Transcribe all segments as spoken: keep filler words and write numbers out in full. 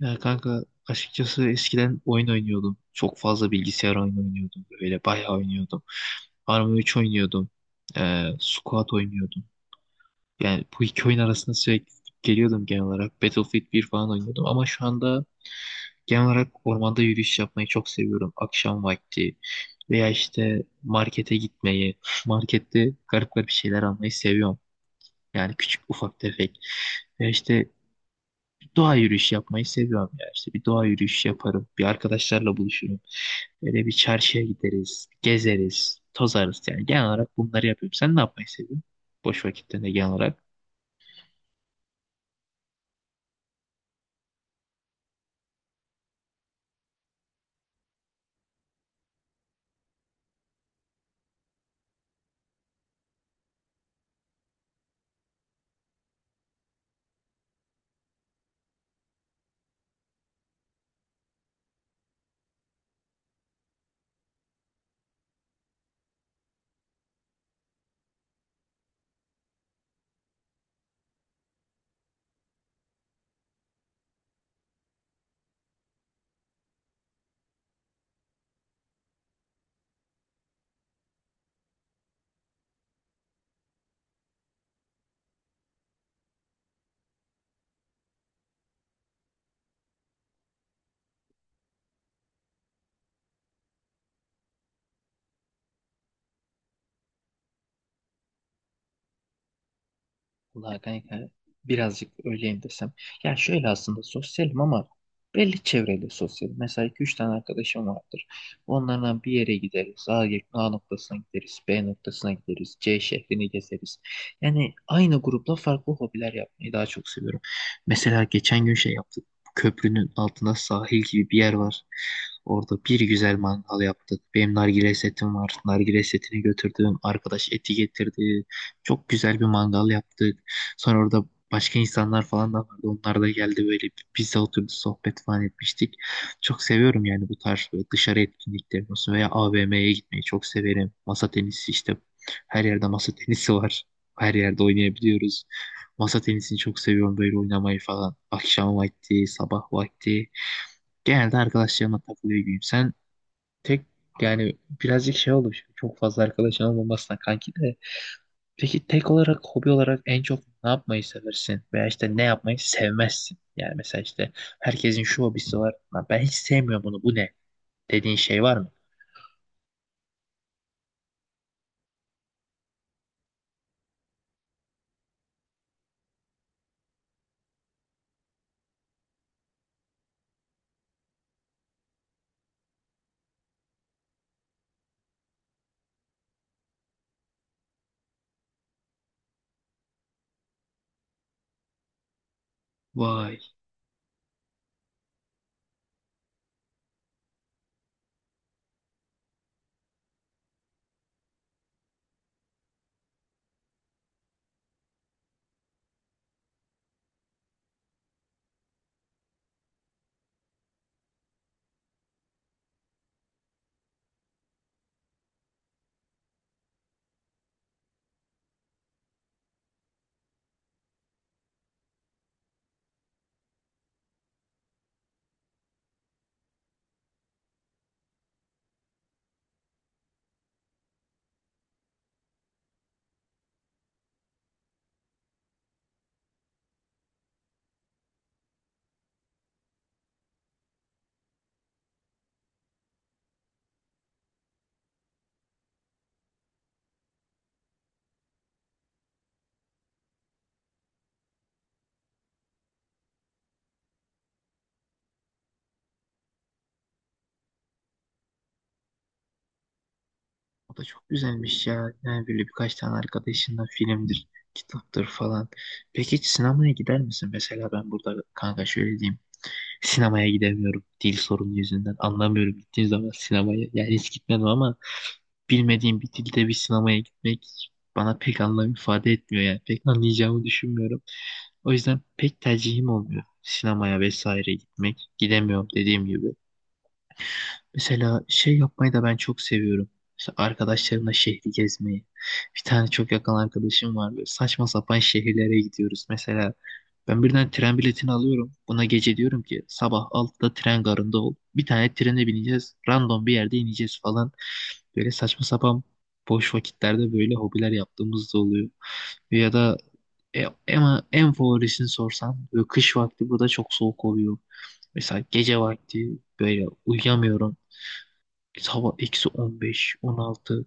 Ya kanka, açıkçası eskiden oyun oynuyordum. Çok fazla bilgisayar oyunu oynuyordum. Böyle bayağı oynuyordum. Arma üç oynuyordum. Ee, Squat oynuyordum. Yani bu iki oyun arasında sürekli geliyordum genel olarak. Battlefield bir falan oynuyordum. Ama şu anda genel olarak ormanda yürüyüş yapmayı çok seviyorum. Akşam vakti veya işte markete gitmeyi, markette garip garip şeyler almayı seviyorum. Yani küçük ufak tefek. Ve işte bir doğa yürüyüşü yapmayı seviyorum ya. İşte bir doğa yürüyüşü yaparım. Bir arkadaşlarla buluşurum. Böyle bir çarşıya gideriz. Gezeriz. Tozarız yani. Genel olarak bunları yapıyorum. Sen ne yapmayı seviyorsun? Boş vakitlerinde genel olarak. Vallahi kanka, birazcık öyleyim desem. Ya şöyle, aslında sosyalim ama belli çevreyle sosyalim. Mesela iki üç tane arkadaşım vardır. Onlardan bir yere gideriz. A, A noktasına gideriz. B noktasına gideriz. C şehrini gezeriz. Yani aynı grupla farklı hobiler yapmayı daha çok seviyorum. Mesela geçen gün şey yaptık. Köprünün altında sahil gibi bir yer var. Orada bir güzel mangal yaptık. Benim nargile setim var. Nargile setini götürdüm. Arkadaş eti getirdi. Çok güzel bir mangal yaptık. Sonra orada başka insanlar falan da vardı. Onlar da geldi, böyle biz de oturduk sohbet falan etmiştik. Çok seviyorum yani bu tarz böyle dışarı etkinlikleri olsun, veya A V M'ye gitmeyi çok severim. Masa tenisi işte her yerde masa tenisi var. Her yerde oynayabiliyoruz. Masa tenisini çok seviyorum, böyle oynamayı falan. Akşam vakti, sabah vakti. Genelde arkadaşlarımla takılıyor gibiyim. Sen tek, yani birazcık şey oldu. Şimdi, çok fazla arkadaşın olmamasına kanki de, peki tek olarak, hobi olarak en çok ne yapmayı seversin? Veya işte ne yapmayı sevmezsin? Yani mesela işte herkesin şu hobisi var. "Lan, ben hiç sevmiyorum bunu. Bu ne?" dediğin şey var mı? Vay. O da çok güzelmiş ya. Yani böyle birkaç tane arkadaşınla filmdir, kitaptır falan. Peki hiç sinemaya gider misin? Mesela ben burada kanka şöyle diyeyim. Sinemaya gidemiyorum dil sorunu yüzünden. Anlamıyorum gittiğim zaman sinemaya. Yani hiç gitmedim ama bilmediğim bir dilde bir sinemaya gitmek bana pek anlam ifade etmiyor yani. Pek anlayacağımı düşünmüyorum. O yüzden pek tercihim olmuyor sinemaya vesaire gitmek. Gidemiyorum dediğim gibi. Mesela şey yapmayı da ben çok seviyorum. İşte arkadaşlarımla şehri gezmeyi. Bir tane çok yakın arkadaşım var. Böyle saçma sapan şehirlere gidiyoruz. Mesela ben birden tren biletini alıyorum. Buna gece diyorum ki sabah altıda tren garında ol. Bir tane trene bineceğiz. Random bir yerde ineceğiz falan. Böyle saçma sapan boş vakitlerde böyle hobiler yaptığımız da oluyor. Ya da e, ama en favorisini sorsan, böyle kış vakti burada çok soğuk oluyor. Mesela gece vakti böyle uyuyamıyorum. Biz, hava eksi on beş on altı,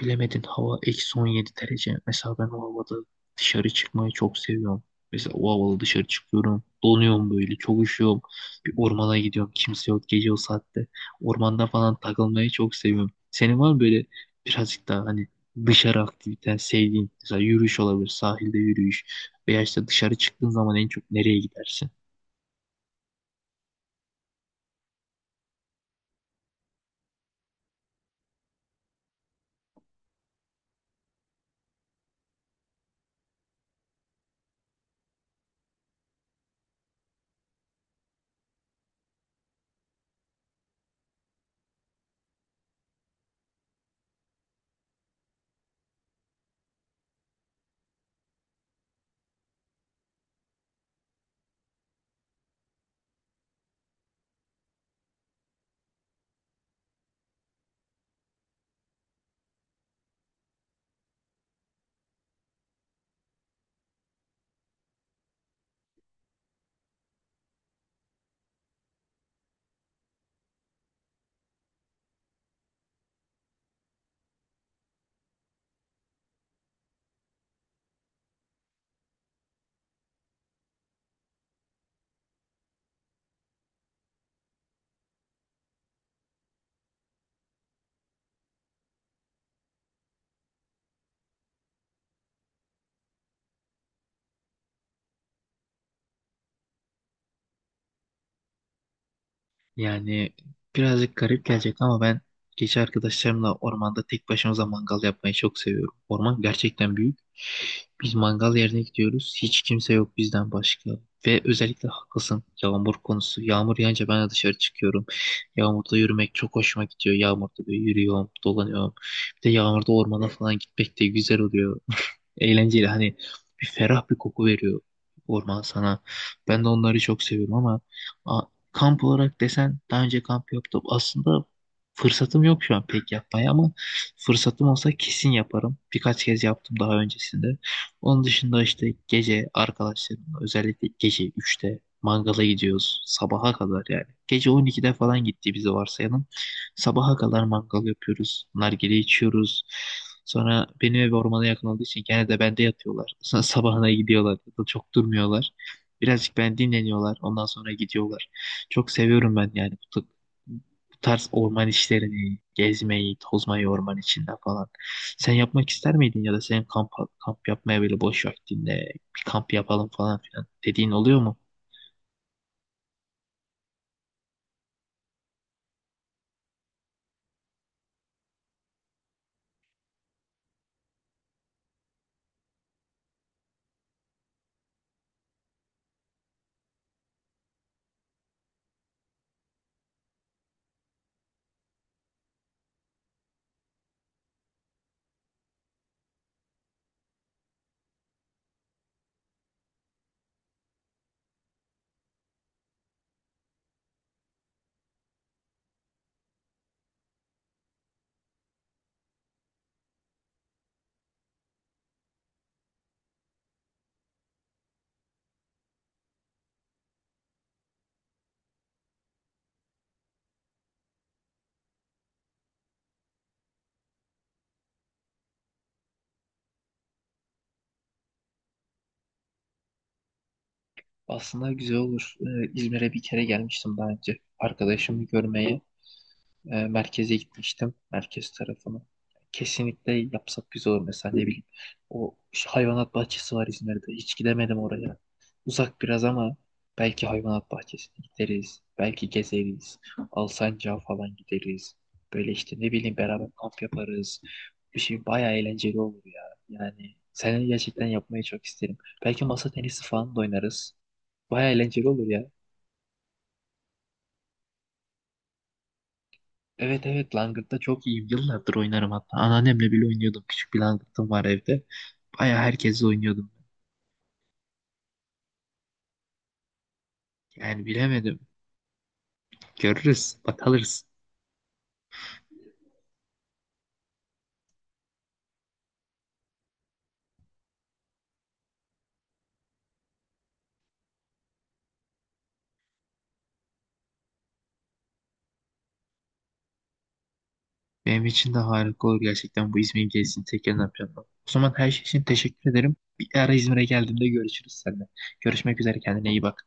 bilemedin hava eksi on yedi derece. Mesela ben o havada dışarı çıkmayı çok seviyorum. Mesela o havada dışarı çıkıyorum. Donuyorum böyle, çok üşüyorum. Bir ormana gidiyorum, kimse yok gece o saatte. Ormanda falan takılmayı çok seviyorum. Senin var mı böyle birazcık daha hani dışarı aktiviten sevdiğin? Mesela yürüyüş olabilir, sahilde yürüyüş. Veya işte dışarı çıktığın zaman en çok nereye gidersin? Yani birazcık garip gelecek ama ben gece arkadaşlarımla ormanda tek başımıza mangal yapmayı çok seviyorum. Orman gerçekten büyük. Biz mangal yerine gidiyoruz. Hiç kimse yok bizden başka. Ve özellikle haklısın yağmur konusu. Yağmur yağınca ben de dışarı çıkıyorum. Yağmurda yürümek çok hoşuma gidiyor. Yağmurda böyle yürüyorum, dolanıyorum. Bir de yağmurda ormana falan gitmek de güzel oluyor, eğlenceli, hani bir ferah bir koku veriyor orman sana. Ben de onları çok seviyorum ama a- kamp olarak desen, daha önce kamp yaptım. Aslında fırsatım yok şu an pek yapmaya ama fırsatım olsa kesin yaparım. Birkaç kez yaptım daha öncesinde. Onun dışında işte gece arkadaşlarımla özellikle gece üçte mangala gidiyoruz, sabaha kadar yani. Gece on ikide falan gittiğimizi varsayalım. Sabaha kadar mangal yapıyoruz. Nargile içiyoruz. Sonra benim ev ormana yakın olduğu için gene de bende yatıyorlar. Sonra sabahına gidiyorlar. Ya da çok durmuyorlar. Birazcık ben dinleniyorlar. Ondan sonra gidiyorlar. Çok seviyorum ben yani bu, bu tarz orman işlerini, gezmeyi, tozmayı, orman içinde falan. Sen yapmak ister miydin, ya da senin kamp, kamp yapmaya, böyle boş vaktinde bir kamp yapalım falan filan dediğin oluyor mu? Aslında güzel olur. Ee, İzmir'e bir kere gelmiştim daha önce. Arkadaşımı görmeye. e, merkeze gitmiştim. Merkez tarafına. Kesinlikle yapsak güzel olur, mesela ne bileyim. O şu hayvanat bahçesi var İzmir'de. Hiç gidemedim oraya. Uzak biraz ama belki hayvanat bahçesine gideriz. Belki gezeriz. Alsancak'a falan gideriz. Böyle işte ne bileyim, beraber kamp yaparız. Bir şey bayağı eğlenceli olur ya. Yani seni gerçekten yapmayı çok isterim. Belki masa tenisi falan da oynarız. Bayağı eğlenceli olur ya. Evet, evet, Langırt'ta çok iyiyim. Yıllardır oynarım hatta. Anneannemle bile oynuyordum. Küçük bir Langırt'ım var evde. Bayağı herkesle oynuyordum. Yani bilemedim. Görürüz. Bak, alırız. Benim için de harika olur gerçekten, bu İzmir gezisini tekrar yapacağım. O zaman her şey için teşekkür ederim. Bir ara İzmir'e geldiğimde görüşürüz seninle. Görüşmek üzere, kendine iyi bak.